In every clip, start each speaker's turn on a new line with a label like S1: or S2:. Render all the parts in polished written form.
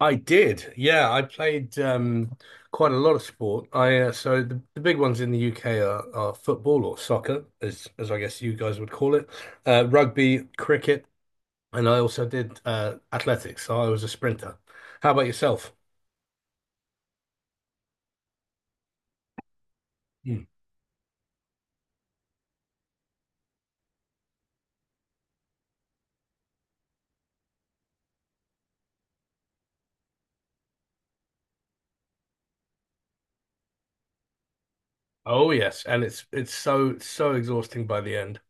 S1: I did. Yeah, I played quite a lot of sport. I so the big ones in the UK are football or soccer, as I guess you guys would call it, rugby, cricket, and I also did athletics. So I was a sprinter. How about yourself? Hmm. Oh yes, and it's so exhausting by the end.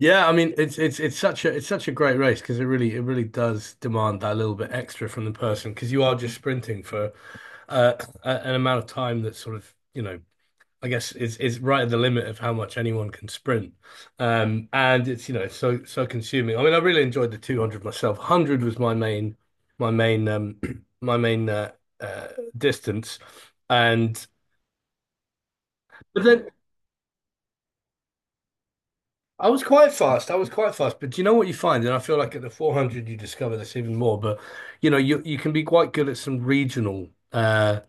S1: Yeah, I mean it's such a great race because it really does demand that little bit extra from the person because you are just sprinting for uh, an amount of time that sort of I guess is right at the limit of how much anyone can sprint, and it's you know it's so consuming. I mean I really enjoyed the 200 myself. 100 was my main my main uh, distance, and but then I was quite fast. I was quite fast. But do you know what you find? And I feel like at the 400 you discover this even more. But you know, you can be quite good at some regional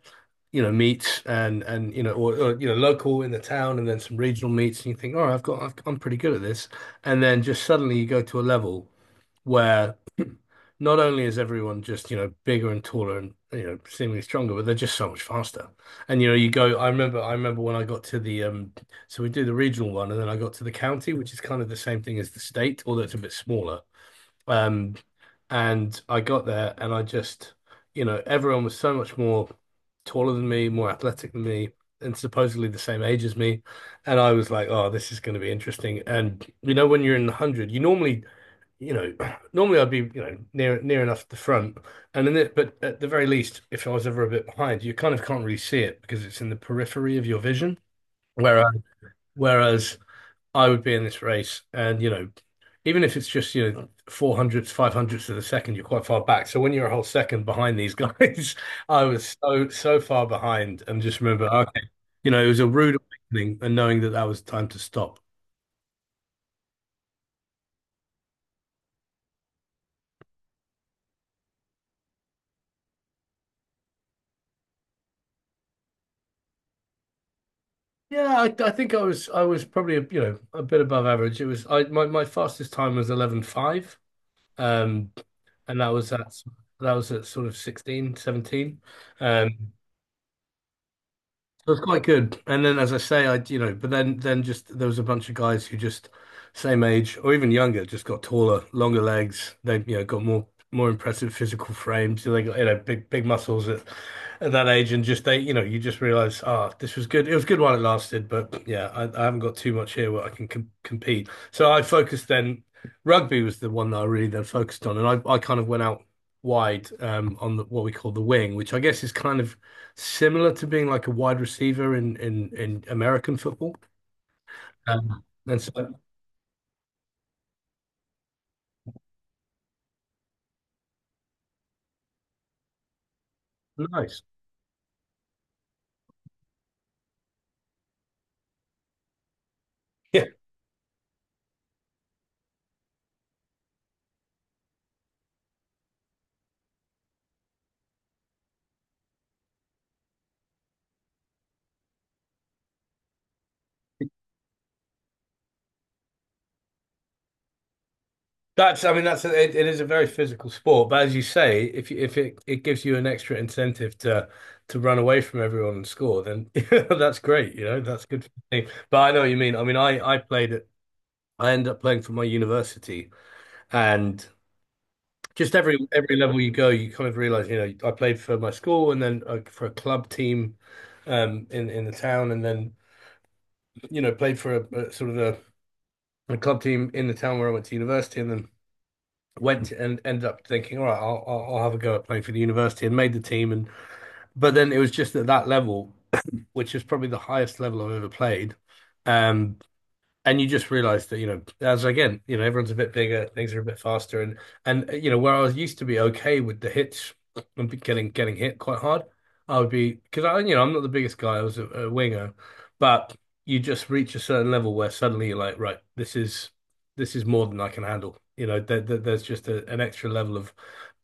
S1: meets and or local in the town and then some regional meets and you think, all right, I'm pretty good at this. And then just suddenly you go to a level where not only is everyone just, bigger and taller and, seemingly stronger, but they're just so much faster. And, you go, I remember when I got to so we do the regional one, and then I got to the county, which is kind of the same thing as the state, although it's a bit smaller. Um, and I got there and I just, everyone was so much more taller than me, more athletic than me, and supposedly the same age as me. And I was like, oh, this is going to be interesting. And, when you're in the 100, you normally, you know, normally I'd be, near enough the front, but at the very least, if I was ever a bit behind, you kind of can't really see it because it's in the periphery of your vision. Whereas whereas I would be in this race, and even if it's just four hundredths, five hundredths of a second, you're quite far back. So when you're a whole second behind these guys, I was so far behind, and just remember, okay, it was a rude awakening, and knowing that that was time to stop. Yeah, I think I was probably a bit above average. It was I my, my fastest time was 11.5, um, and that was at sort of 16, 17. Um, it was quite good. And then, as I say, but then just there was a bunch of guys who just same age or even younger, just got taller, longer legs. They, got more impressive physical frames. They got, big muscles at that age. And just they, you just realize, ah, this was good. It was good while it lasted, but yeah, I haven't got too much here where I can compete. So I focused then, rugby was the one that I really then focused on. And I kind of went out wide on what we call the wing, which I guess is kind of similar to being like a wide receiver in American football. And so nice. Yeah, that's. I mean, it is a very physical sport, but as you say, if it gives you an extra incentive to run away from everyone and score, then that's great. You know, that's good for the team. But I know what you mean. I mean, I played it. I ended up playing for my university, and just every level you go, you kind of realize, I played for my school and then for a club team in the town, and then played for a sort of a club team in the town where I went to university, and then and ended up thinking, all right, I'll have a go at playing for the university, and made the team. And but then it was just at that level, which is probably the highest level I've ever played. Um, and you just realize that as again everyone's a bit bigger things are a bit faster and where I was used to be okay with the hits and getting hit quite hard I would be because I I'm not the biggest guy I was a winger but you just reach a certain level where suddenly you're like right this is more than I can handle you know there's just an extra level of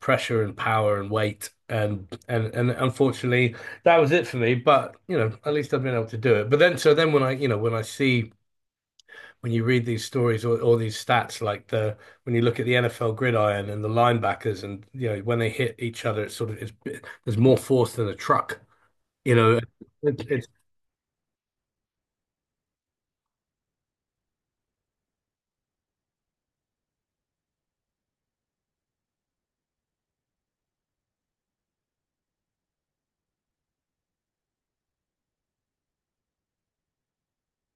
S1: pressure and power and weight and unfortunately that was it for me but you know at least I've been able to do it but then when I when I see when you read these stories or these stats, like the when you look at the NFL gridiron and the linebackers, and you know when they hit each other, it's sort of it's there's more force than a truck. You know, it's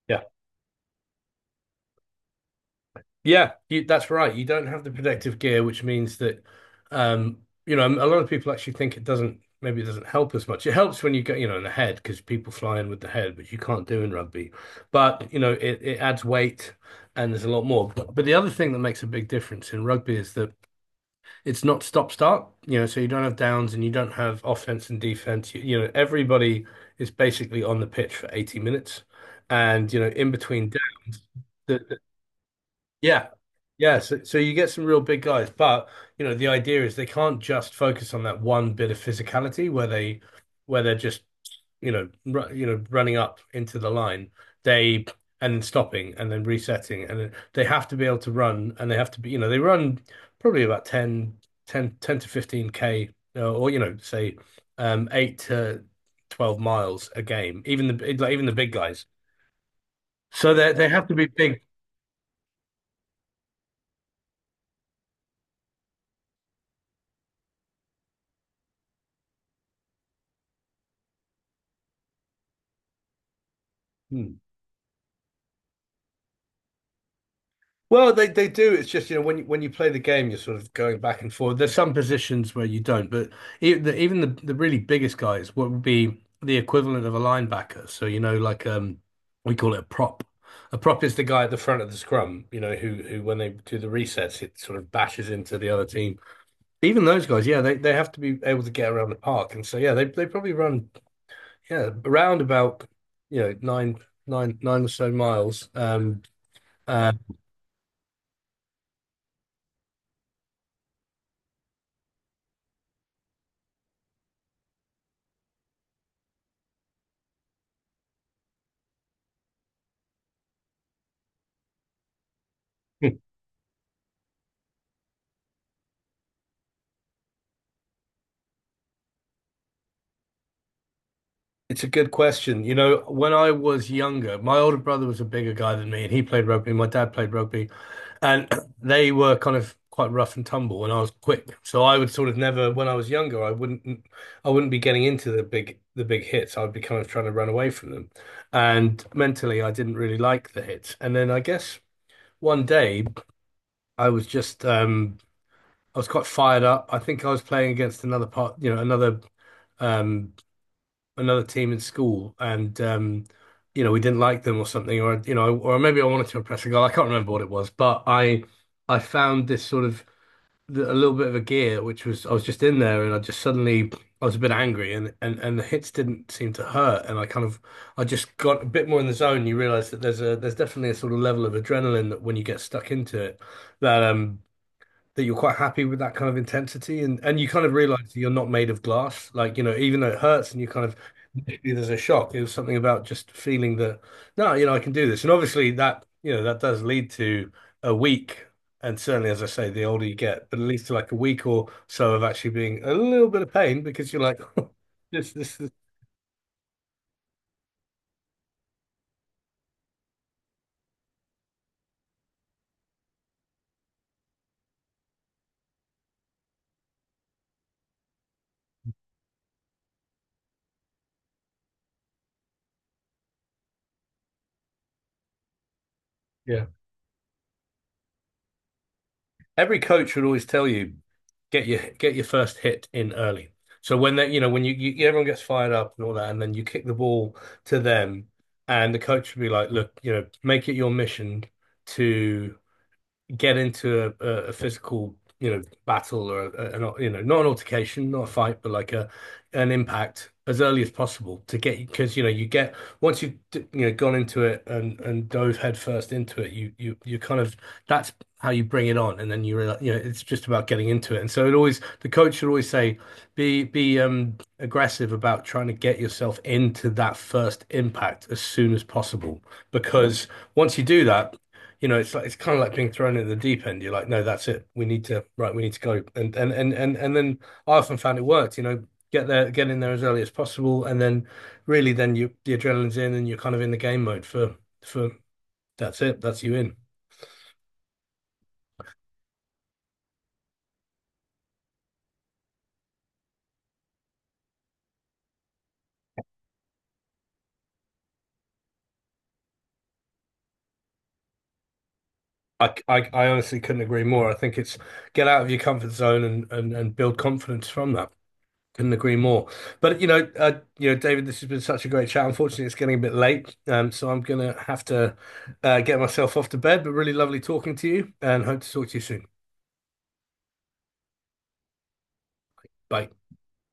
S1: yeah, yeah. That's right. You don't have the protective gear, which means that um, a lot of people actually think it doesn't. Maybe it doesn't help as much. It helps when you get, in the head because people fly in with the head, which you can't do in rugby. But, it adds weight and there's a lot more. But the other thing that makes a big difference in rugby is that it's not stop start, you know, so you don't have downs and you don't have offense and defense. Everybody is basically on the pitch for 80 minutes. And, in between downs, the yeah. Yeah. So you get some real big guys, but you know, the idea is they can't just focus on that one bit of physicality where they're just, ru running up into the line. They And stopping and then resetting and then they have to be able to run and they have to be, they run probably about 10 to 15K or, say 8 to 12 miles a game, even the big guys. So they have to be big. Hmm. Well, they do. It's just, you know, when you play the game, you're sort of going back and forth. There's some positions where you don't, but even the really biggest guys, what would be the equivalent of a linebacker? So, you know, like we call it a prop. A prop is the guy at the front of the scrum, you know, who when they do the resets, it sort of bashes into the other team. Even those guys, yeah, they have to be able to get around the park, and so yeah, they probably run yeah around about you know nine nine or so miles. Uh, It's a good question. You know, when I was younger, my older brother was a bigger guy than me, and he played rugby. My dad played rugby, and they were kind of quite rough and tumble, and I was quick. So I would sort of never, when I was younger, I wouldn't be getting into the big hits. I would be kind of trying to run away from them, and mentally, I didn't really like the hits. And then I guess one day, I was just, um, I was quite fired up. I think I was playing against another part, you know, another. Um another team in school, and we didn't like them or something, or or maybe I wanted to impress a girl. I can't remember what it was, but I found this sort of a little bit of a gear, which was I was just in there, and I just suddenly I was a bit angry, and the hits didn't seem to hurt, and I kind of I just got a bit more in the zone. You realize that there's definitely a sort of level of adrenaline that when you get stuck into it, that um. That you're quite happy with that kind of intensity, and you kind of realize that you're not made of glass. Like, you know, even though it hurts and you kind of there's a shock. It was something about just feeling that, no, you know, I can do this. And obviously that, that does lead to a week. And certainly, as I say, the older you get, but at least to like a week or so of actually being a little bit of pain because you're like, this. Yeah. Every coach would always tell you, get your first hit in early. So you everyone gets fired up and all that, and then you kick the ball to them, and the coach would be like, look, you know, make it your mission to get into a physical, battle or not an altercation, not a fight, but like a an impact as early as possible to get because you get once gone into it and dove headfirst into it, you kind of that's how you bring it on, and then you realize it's just about getting into it, and so it always the coach should always say be aggressive about trying to get yourself into that first impact as soon as possible because once you do that it's kind of like being thrown in the deep end. You're like, no, that's it. Right, we need to go. And then I often found it worked, get there, get in there as early as possible, and then really then you the adrenaline's in and you're kind of in the game mode for that's it, that's you in. I honestly couldn't agree more. I think it's get out of your comfort zone and build confidence from that. Couldn't agree more. But you know, David, this has been such a great chat. Unfortunately, it's getting a bit late, so I'm gonna have to get myself off to bed. But really lovely talking to you, and hope to talk to you soon. Bye.